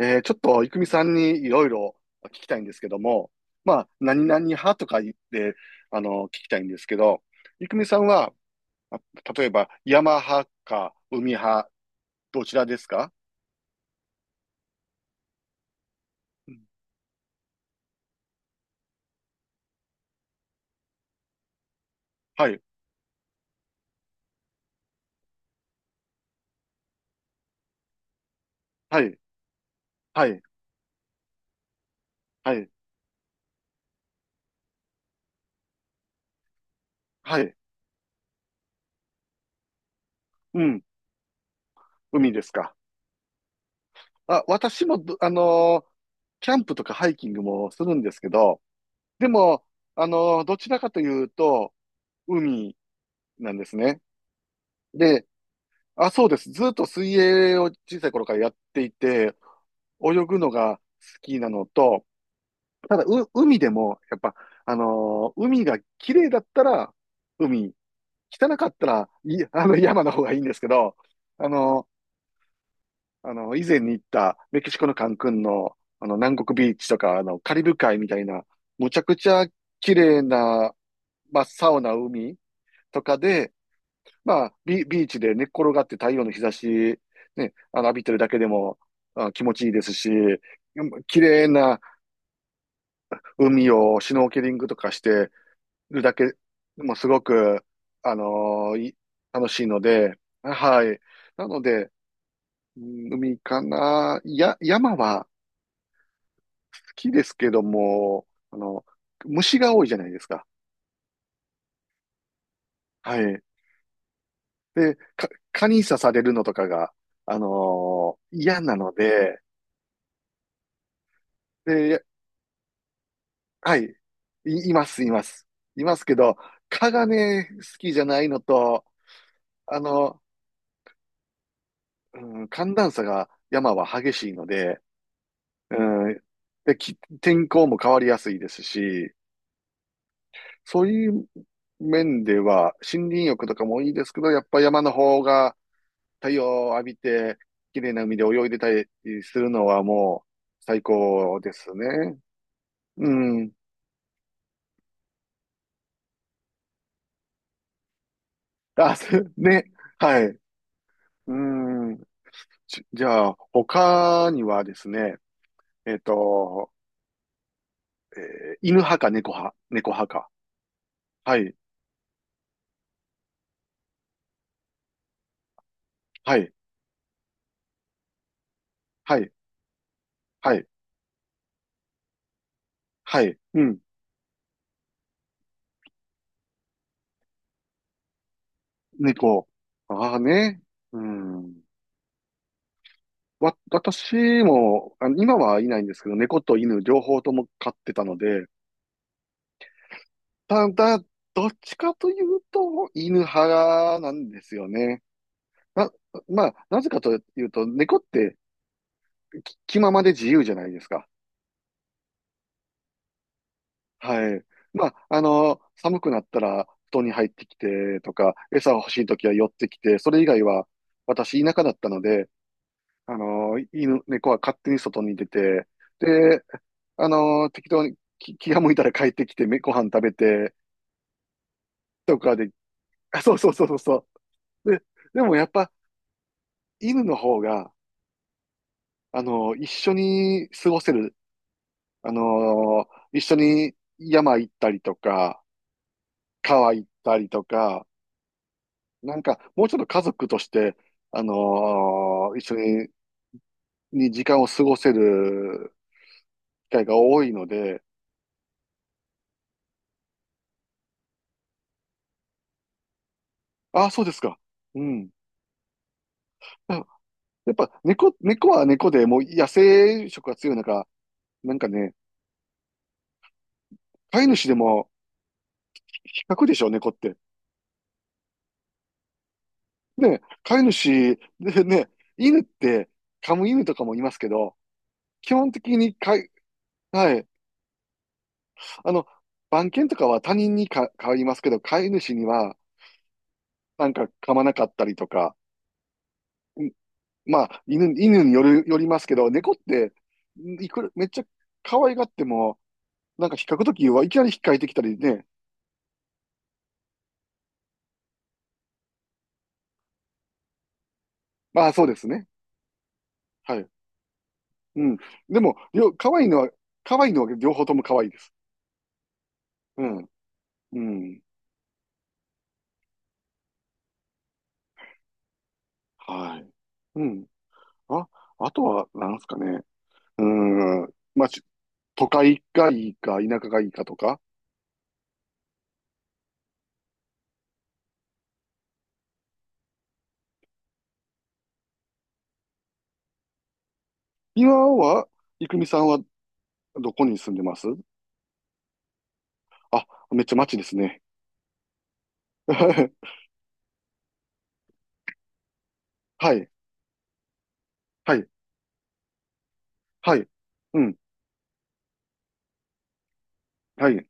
えーちょっと、いくみさんにいろいろ聞きたいんですけども、まあ、何々派とか言って、聞きたいんですけど、いくみさんは、あ例えば、山派か海派、どちらですか？うん。はい、はい、はい、はい、はい、うん、海ですか。あ、私もど、あのーキャンプとかハイキングもするんですけど、でも、どちらかというと、海なんですね。で、あ、そうです。ずっと水泳を小さい頃からやっていて、泳ぐのが好きなのと、ただ、海でも、やっぱ、海が綺麗だったら、海、汚かったら、山の方がいいんですけど、あの以前に行ったメキシコのカンクンの、あの、南国ビーチとか、あの、カリブ海みたいな、むちゃくちゃ綺麗な、真っ青な海とかで、まあ、ビーチで寝っ転がって太陽の日差し、ね、あの、浴びてるだけでも、あ、気持ちいいですし、うん、綺麗な海をシュノーケリングとかしてるだけもすごく、あのーい楽しいので、はい。なので、うん、海かな。や、山は好きですけども、あの、虫が多いじゃないですか。はい。で、蚊に刺されるのとかが、あの嫌なので、で、はい。います、います。いますけど、蚊がね、好きじゃないのと、あの、うん、寒暖差が山は激しいので、うん、で、天候も変わりやすいですし、そういう面では森林浴とかもいいですけど、やっぱ山の方が太陽を浴びて、綺麗な海で泳いでたりするのはもう最高ですね。うん。ね。はい。うん。じゃあ、他にはですね、えっと、え犬派か猫派、猫派か。はい、はい、はい、はい、はい、うん、猫。ああね、うん。私も、あ、今はいないんですけど、猫と犬両方とも飼ってたので、ただ、どっちかというと、犬派なんですよね。な、まあ、なぜかというと、猫って気ままで自由じゃないですか。はい。まあ、あの、寒くなったら布団に入ってきてとか、餌欲しいときは寄ってきて、それ以外は、私、田舎だったので、あの、猫は勝手に外に出て、で、あの、適当に気が向いたら帰ってきて、ご飯食べてとかで、あ、そうそうそうそうそう。で、でもやっぱ、犬の方が、あの、一緒に過ごせる、あの、一緒に山行ったりとか、川行ったりとか、なんか、もうちょっと家族として、あの一緒に、に時間を過ごせる機会が多いので、ああ、そうですか。うん。あ、やっぱ、猫は猫でもう野生色が強い中、なんかね、飼い主でも比較でしょ、猫って。ね、飼い主、でね、犬って、噛む犬とかもいますけど、基本的にはい。あの、番犬とかは他人に飼いますけど、飼い主には、なんか噛まなかったりとか、まあ、犬による、よりますけど、猫って、いくら、めっちゃ可愛がっても、なんか引っかくときはいきなり引っかいてきたりね。まあ、そうですね。はい。うん。でも、両可愛いのは、可愛いのは両方とも可愛いです。うん。うん。はい。うん。あ、あとは、なんですかね。うーん。まあ、都会がいいか、田舎がいいかとか。今は、いくみさんはどこに住んでますあ、めっちゃ街ですね。はい。はい。はい。うん。はい。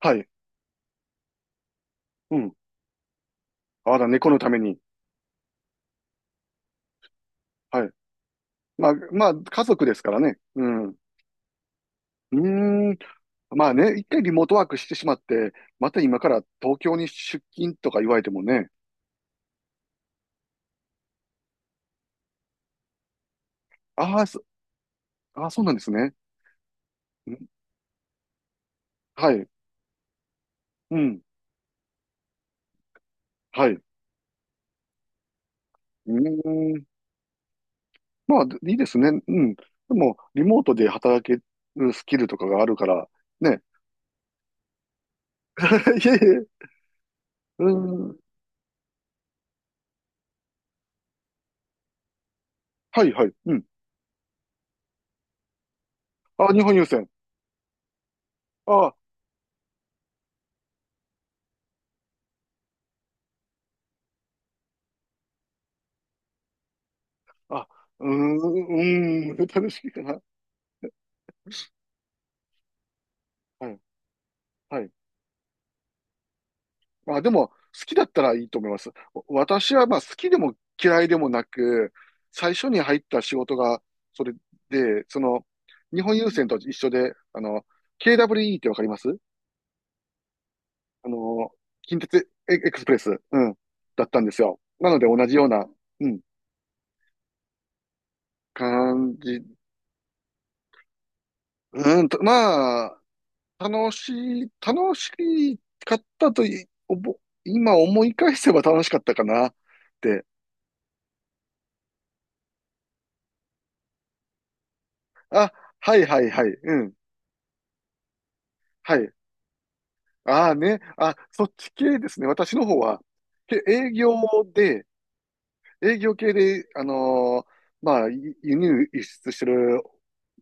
はい。うん。あら、猫のために。はい。まあ、まあ、家族ですからね。うん。うーん。まあね、一回リモートワークしてしまって、また今から東京に出勤とか言われてもね。ああ、そ、ああ、そうなんですね。うん、はい。うん。はい。うーん。まあ、いいですね。うん。でも、リモートで働けるスキルとかがあるから、ね。いえいえ。うーん。はいはい。うん。あ、日本郵船。ああ、あ、うーん、うーん、楽しいかな。はい。はい。あ、でも、好きだったらいいと思います。お、私は、まあ、好きでも嫌いでもなく、最初に入った仕事が、それで、その、日本郵船と一緒で、あの、KWE ってわかりますあの、近鉄エエクスプレス、うん、だったんですよ。なので、同じような、うん、感じ、うん、とまあ、楽し楽しかったとい、おぼ、今思い返せば楽しかったかなって。あ、はいはいはい、うん。はい。ああね、あ、そっち系ですね。私の方は、営業で、営業系で、まあ、輸入輸出してる、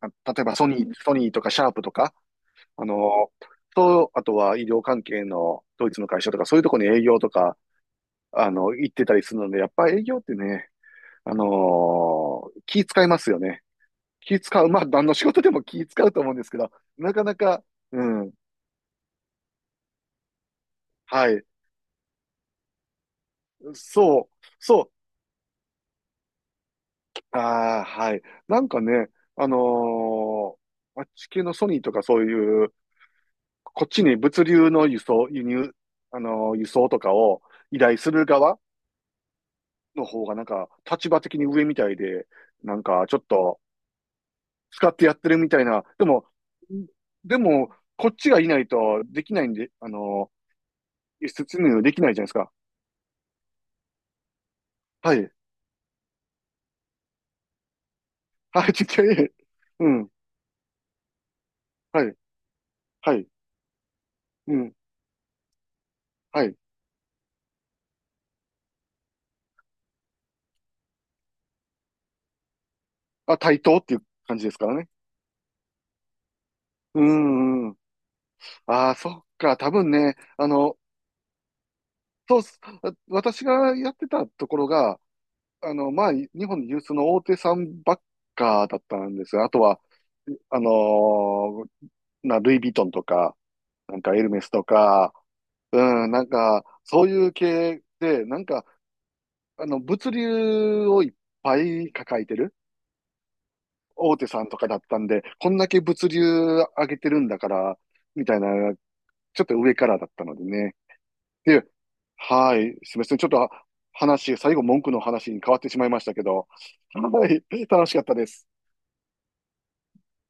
例えばソニー、ソニーとかシャープとか、あのーと、あとは医療関係のドイツの会社とか、そういうとこに営業とか、あの、行ってたりするので、やっぱ営業ってね、あのー気使いますよね。気使う。まあ、何の仕事でも気使うと思うんですけど、なかなか、うん、はい。そう。そう。ああ、はい。なんかね、あのーあっち系のソニーとかそういう、こっちに物流の輸送、輸入、輸送とかを依頼する側の方がなんか立場的に上みたいで、なんかちょっと使ってやってるみたいな。でも、んでも、こっちがいないとできないんで、輸出入できないじゃないですか。はい。はい、ちっちゃい。うん。はい。はい。うん。はい。あ、対等っていう感じですからね。うん、うん。ああ、そっか。多分ね、あの、そうっす、あ、私がやってたところが、あの、まあ、日本有数の大手さんばっかだったんですよ。あとは、あのーな、ルイ・ヴィトンとか、なんかエルメスとか、うん、なんか、そういう系で、なんか、あの、物流をいっぱい抱えてる大手さんとかだったんで、こんだけ物流上げてるんだから、みたいな、ちょっと上からだったのでね。で、はい、すみません。ちょっと話、最後文句の話に変わってしまいましたけど、はい、楽しかったです。